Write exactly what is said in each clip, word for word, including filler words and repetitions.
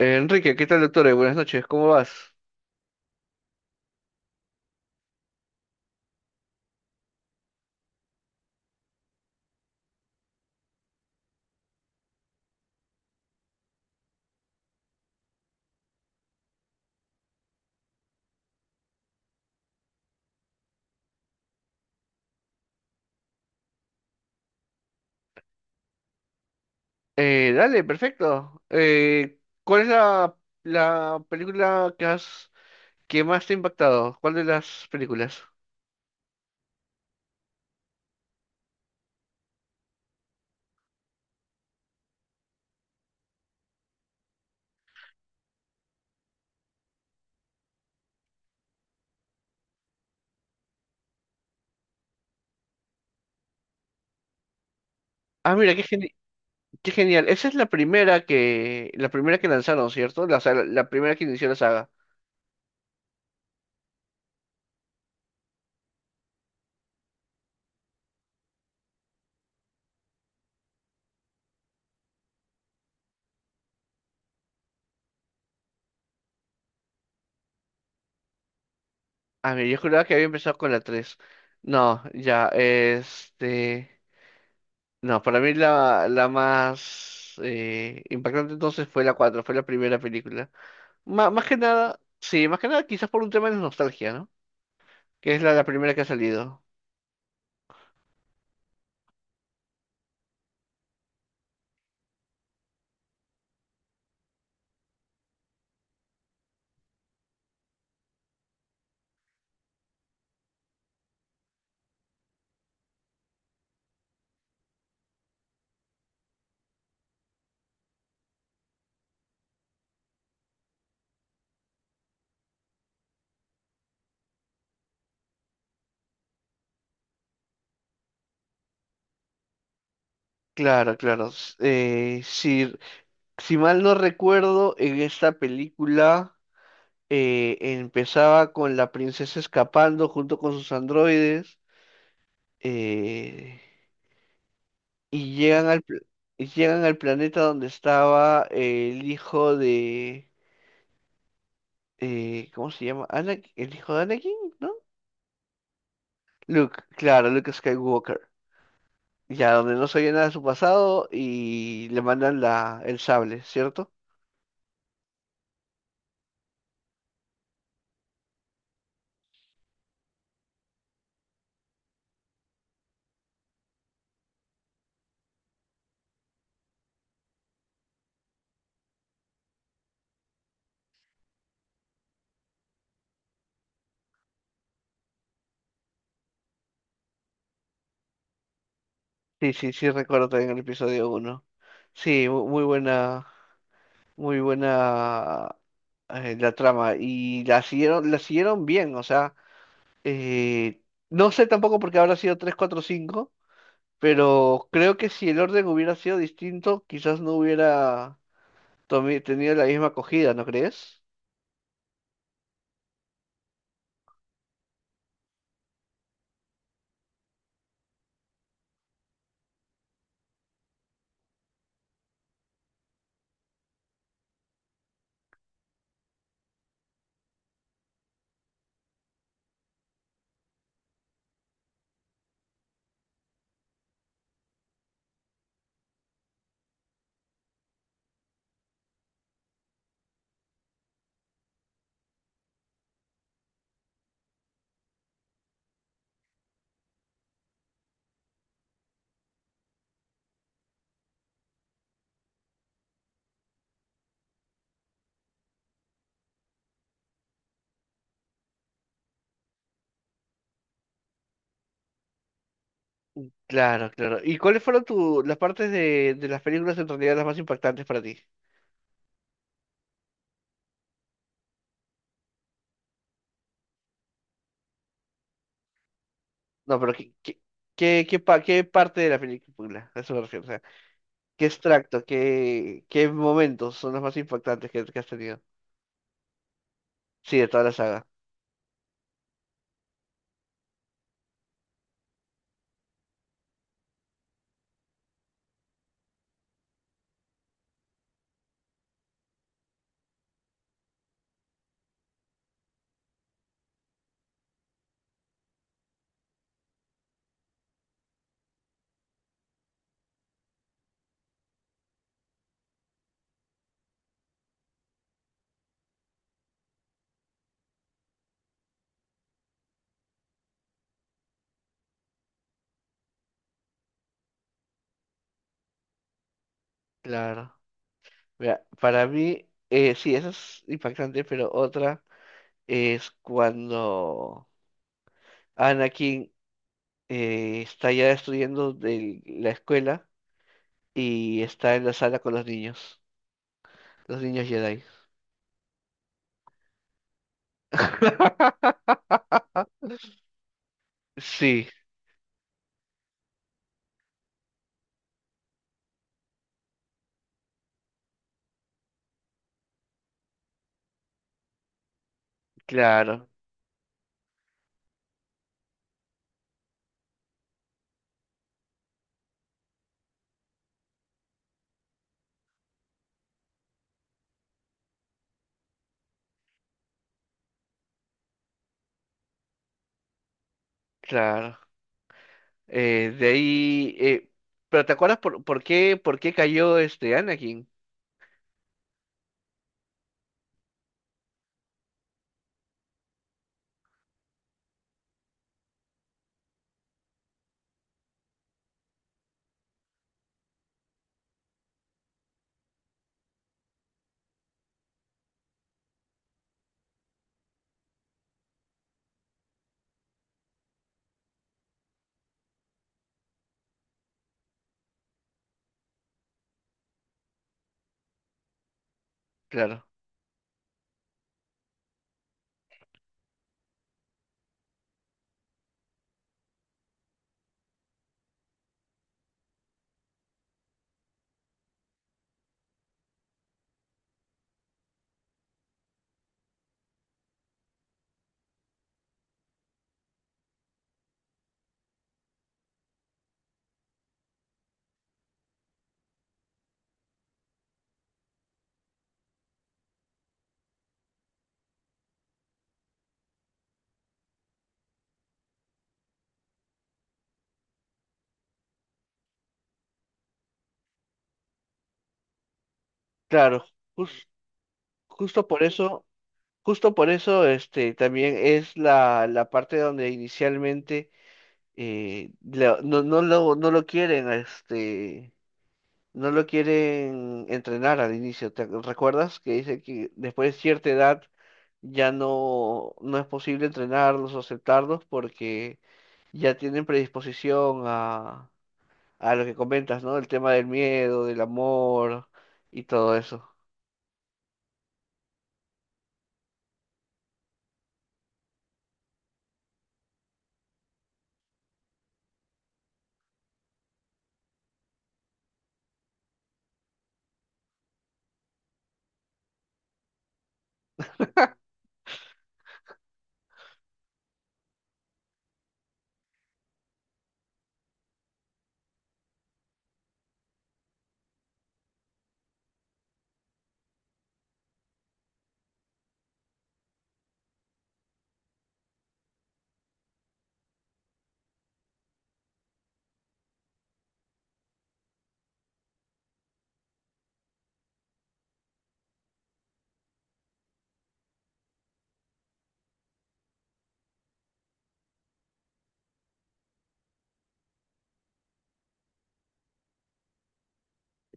Eh, Enrique, ¿qué tal, doctor? Eh, Buenas noches, ¿cómo vas? Eh, dale, perfecto. Eh, ¿cuál es la, la película que has, que más te ha impactado? ¿Cuál de las películas? Ah, mira, qué geni- qué genial. Esa es la primera que, la primera que lanzaron, ¿cierto? La, saga- la primera que inició la saga. Ah, mira, yo juraba que había empezado con la tres. No, ya, este... no, para mí la, la más eh, impactante entonces fue la cuatro, fue la primera película. Ma- más que nada, sí, más que nada quizás por un tema de nostalgia, ¿no? Que es la, la primera que ha salido. Claro, claro. S- eh, si, si mal no recuerdo, en esta película eh, empezaba con la princesa escapando junto con sus androides eh, y llegan al, pl- y llegan al planeta donde estaba el hijo de... eh, ¿cómo se llama? Ana- el hijo de Anakin, ¿no? Luke, claro, Luke Skywalker. Ya, donde no se oye nada de su pasado y le mandan la, el sable, ¿cierto? Sí, sí, sí, recuerdo también el episodio uno. Sí, mu- muy buena, muy buena eh, la trama. Y la siguieron, la siguieron bien, o sea, eh, no sé tampoco porque habrá sido tres cuatro cinco, pero creo que si el orden hubiera sido distinto, quizás no hubiera tomi- tenido la misma acogida, ¿no crees? Claro, claro. ¿Y cuáles fueron tu, las partes de, de las películas en realidad las más impactantes para ti? No, pero ¿qué, qué, qué, qué, pa- ¿qué parte de la película? A eso me refiero, o sea, ¿qué extracto, qué, qué momentos son los más impactantes que, que has tenido? Sí, de toda la saga. Claro. Mira, para mí, eh, sí, eso es impactante, pero otra es cuando Anakin eh, está ya destruyendo del- la escuela y está en la sala con los niños, los niños Jedi. Sí, claro, claro. Eh, de ahí, eh, pero ¿te acuerdas por, por qué por qué cayó este Anakin? Claro, claro, jus- justo por eso, justo por eso, este, también es la, la parte donde inicialmente eh, la- no, no lo, no lo quieren, este, no lo quieren entrenar al inicio. ¿Te ac- Recuerdas que dice que después de cierta edad ya no, no es posible entrenarlos o aceptarlos porque ya tienen predisposición a lo que comentas, ¿no? El tema del miedo, del amor y todo eso.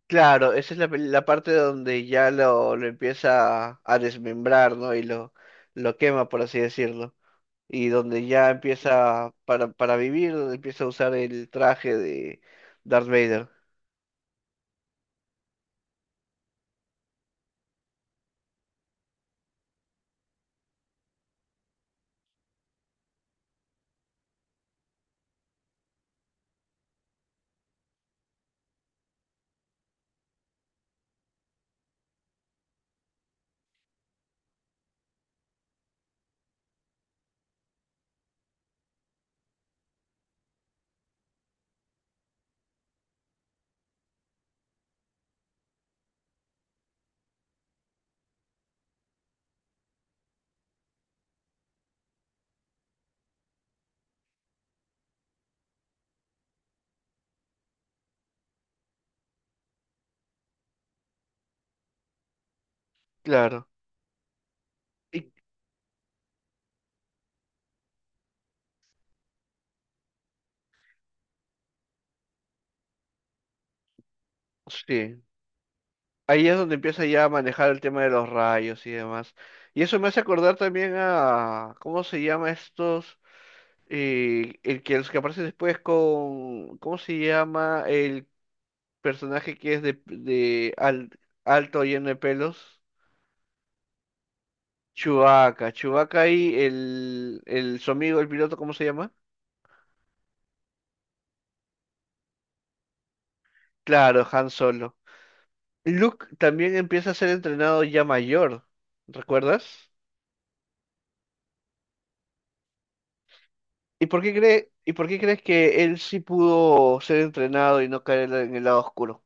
Claro, esa es la, pel- la parte donde ya lo, lo empieza a desmembrar, ¿no? Y lo, lo quema, por así decirlo. Y donde ya empieza, para, para vivir, donde empieza a usar el traje de Darth Vader. Claro. Y- Sí, ahí es donde empieza ya a manejar el tema de los rayos y demás. Y eso me hace acordar también a, ¿cómo se llama estos? Eh, el que Los que aparece después con, ¿cómo se llama? El personaje que es de, de al- alto lleno de pelos. Chewbacca, Chewbacca y el, el su amigo, el piloto, ¿cómo se llama? Claro, Han Solo. Luke también empieza a ser entrenado ya mayor, ¿recuerdas? ¿Y por qué cree, ¿y por qué crees que él sí pudo ser entrenado y no caer en el lado oscuro?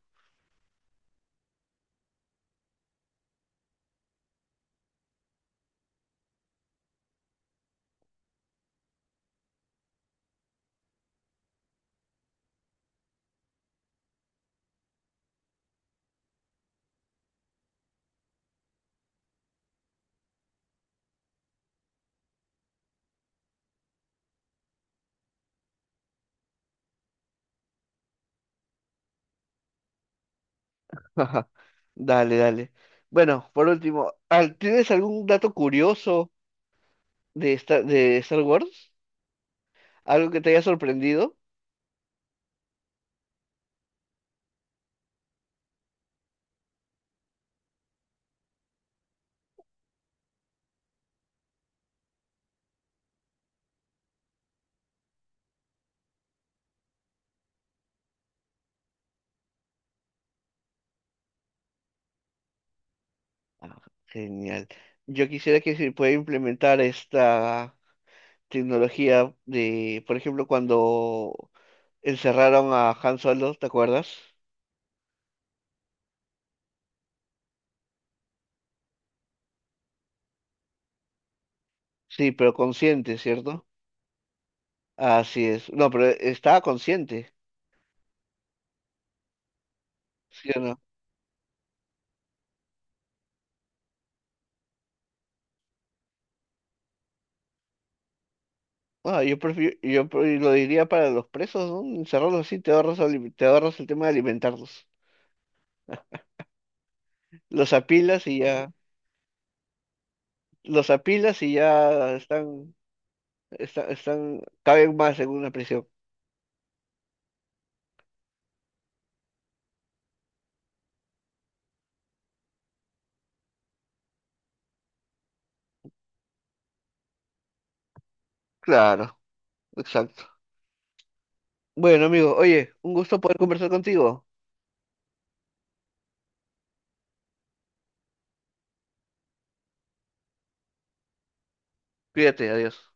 Dale, dale. Bueno, por último, al- ¿tienes algún dato curioso de Star, de Star Wars? ¿Algo que te haya sorprendido? Ah, genial. Yo quisiera que se pueda implementar esta tecnología de, por ejemplo, cuando encerraron a Han Solo, ¿te acuerdas? Sí, pero consciente, ¿cierto? Así es. No, pero estaba consciente, ¿sí o no? Ah, yo prefiero, yo pre- lo diría para los presos, ¿no? Encerrarlos así, te ahorras, ali- te ahorras el tema de alimentarlos. Los apilas y ya, los apilas y ya están. Está- están, caben más en una prisión. Claro, exacto. Bueno, amigo, oye, un gusto poder conversar contigo. Cuídate, adiós.